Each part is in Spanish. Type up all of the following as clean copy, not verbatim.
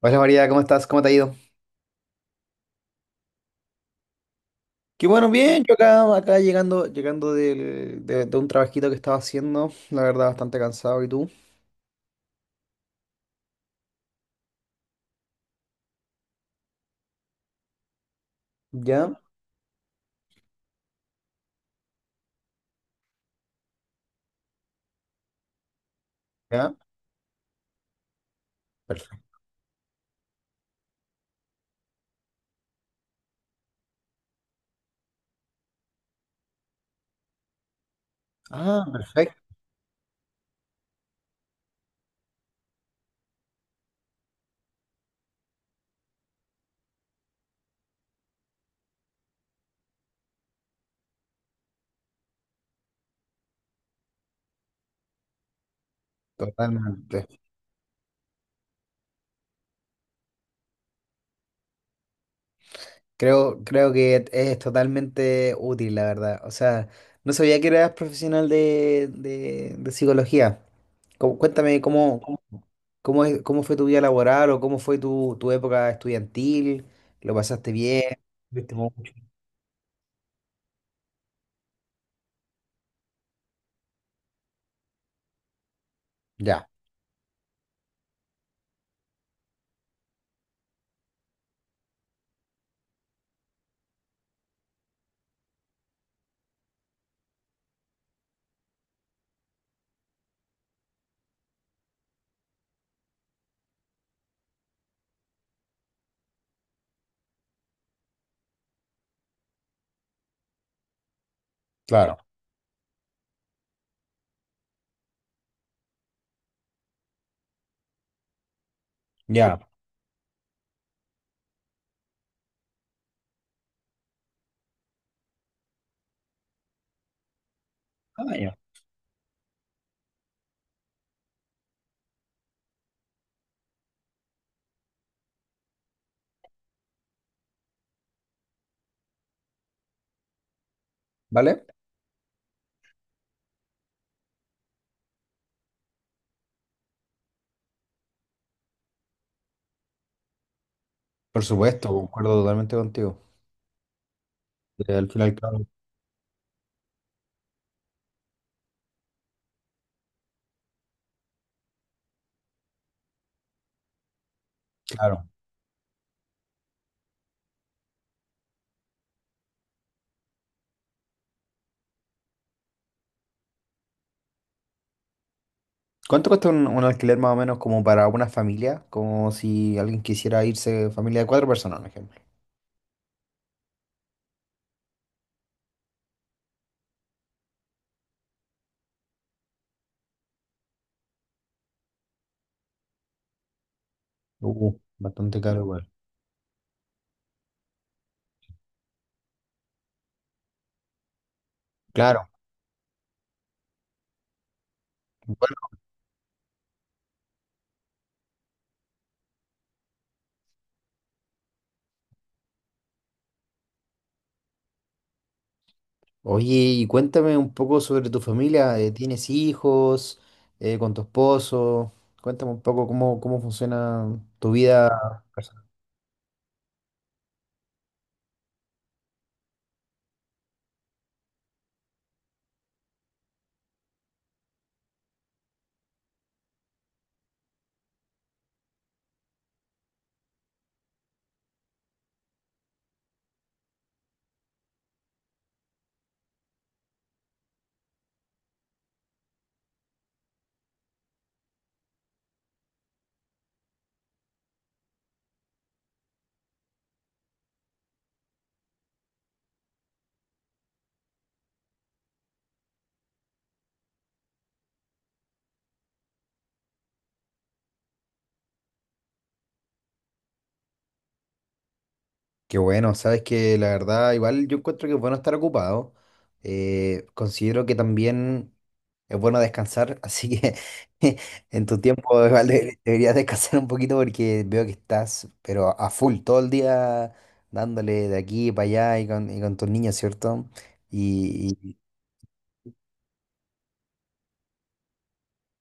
Hola María, ¿cómo estás? ¿Cómo te ha ido? Qué bueno, bien, yo acá llegando, de un trabajito que estaba haciendo, la verdad, bastante cansado. ¿Y tú? ¿Ya? Ya, perfecto. Ah, perfecto, totalmente. Creo que es totalmente útil, la verdad. O sea, no sabía que eras profesional de psicología. Cuéntame cómo fue tu vida laboral o cómo fue tu época estudiantil. ¿Lo pasaste bien? ¿Viste mucho? Ya, claro, ya. ¿Vale? Por supuesto, concuerdo totalmente contigo. Al final, claro. Claro. ¿Cuánto cuesta un alquiler más o menos como para una familia? Como si alguien quisiera irse, familia de cuatro personas, por ejemplo. Bastante caro igual. Claro. Bueno, oye, y cuéntame un poco sobre tu familia. ¿Tienes hijos? ¿Con tu esposo? Cuéntame un poco cómo funciona tu vida. Qué bueno, sabes que la verdad, igual yo encuentro que es bueno estar ocupado. Considero que también es bueno descansar, así que en tu tiempo igual deberías descansar un poquito porque veo que estás, pero a full todo el día dándole de aquí para allá y con, tus niños, ¿cierto? Y,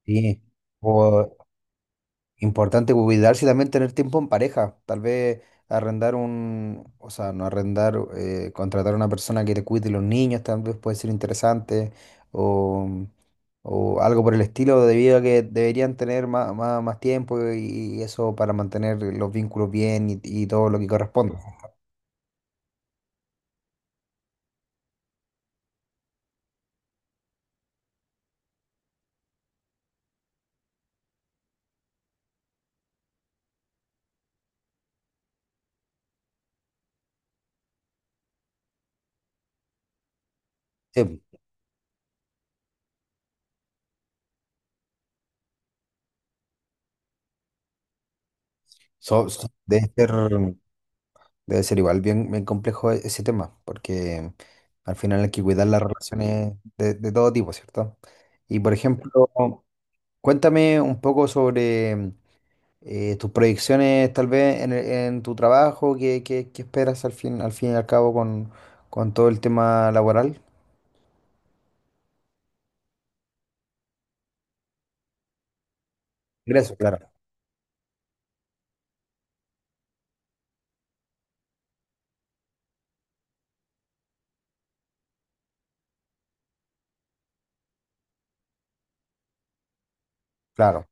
y- sí. Importante cuidarse y también tener tiempo en pareja. Tal vez arrendar un, o sea, no arrendar, contratar a una persona que te cuide los niños, tal vez puede ser interesante o, o algo por el estilo, debido a que deberían tener más, más tiempo y, eso para mantener los vínculos bien y todo lo que corresponde. Sí, so- so- debe ser, debe ser igual bien, bien complejo ese tema, porque al final hay que cuidar las relaciones de todo tipo, ¿cierto? Y por ejemplo... Cuéntame un poco sobre tus proyecciones, tal vez en tu trabajo, qué esperas al fin y al cabo con, todo el tema laboral. Ingreso, claro, claro,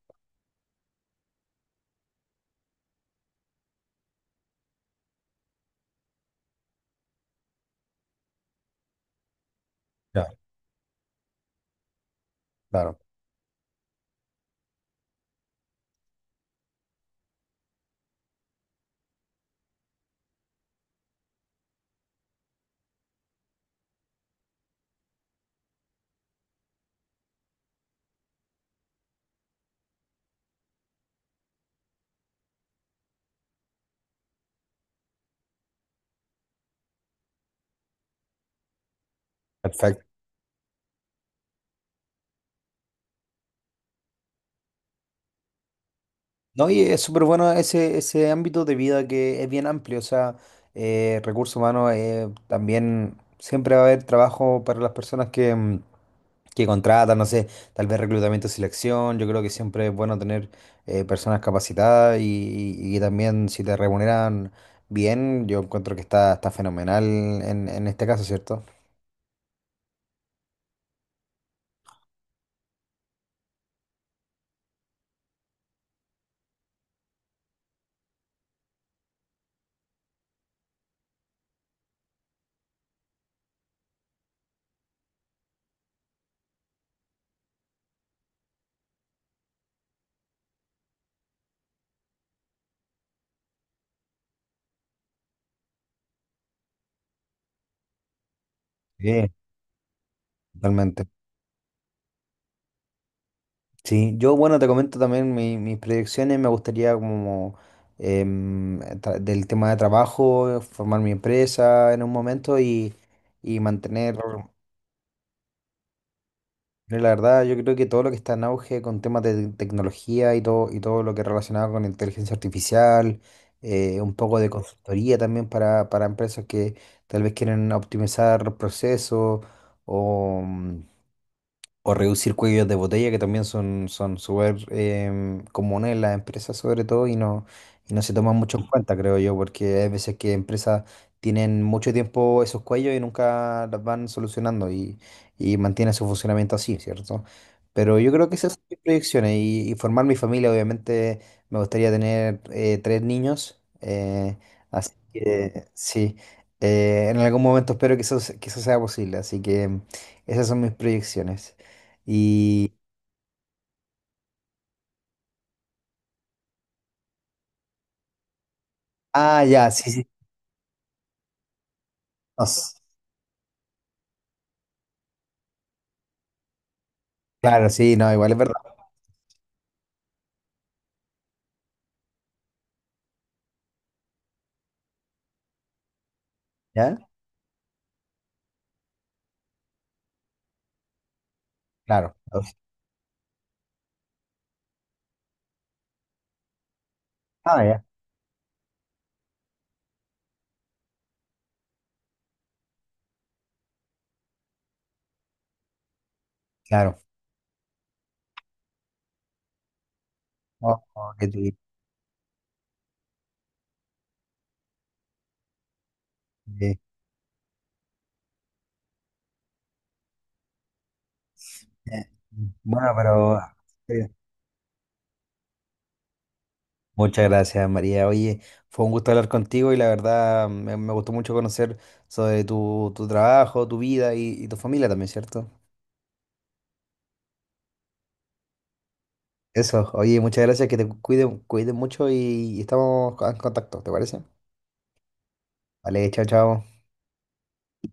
ya, claro, perfecto. No, y es súper bueno ese ámbito de vida que es bien amplio, o sea, recursos humanos, también siempre va a haber trabajo para las personas que contrata, no sé, tal vez reclutamiento y selección. Yo creo que siempre es bueno tener personas capacitadas y también si te remuneran bien, yo encuentro que está, fenomenal en este caso, ¿cierto? Sí, totalmente. Sí, yo bueno, te comento también mis proyecciones, me gustaría como del tema de trabajo, formar mi empresa en un momento y, mantener. Mira, la verdad, yo creo que todo lo que está en auge con temas de tecnología y todo, lo que relacionado con inteligencia artificial, un poco de consultoría también para empresas que tal vez quieren optimizar procesos o, mm, o reducir cuellos de botella, que también son, súper comunes en las empresas sobre todo y no se toman mucho en cuenta, creo yo, porque hay veces que empresas tienen mucho tiempo esos cuellos y nunca las van solucionando y, mantienen su funcionamiento así, ¿cierto? Pero yo creo que esas son mis proyecciones y formar mi familia, obviamente me gustaría tener tres niños, así que sí, en algún momento espero que que eso sea posible, así que esas son mis proyecciones. Y. Ah, ya, sí, sí. No s- claro, sí, no, igual es verdad. ¿Ya? Claro. Ah, ya, claro. Oh, oh, qué triste. Eh, eh, Bueno, pero. Eh, Muchas gracias, María. Oye, fue un gusto hablar contigo y la verdad me gustó mucho conocer sobre tu, trabajo, tu vida y tu familia también, ¿cierto? Eso, oye, muchas gracias, que te cuiden mucho y estamos en contacto, ¿te parece? Vale, chao, chao.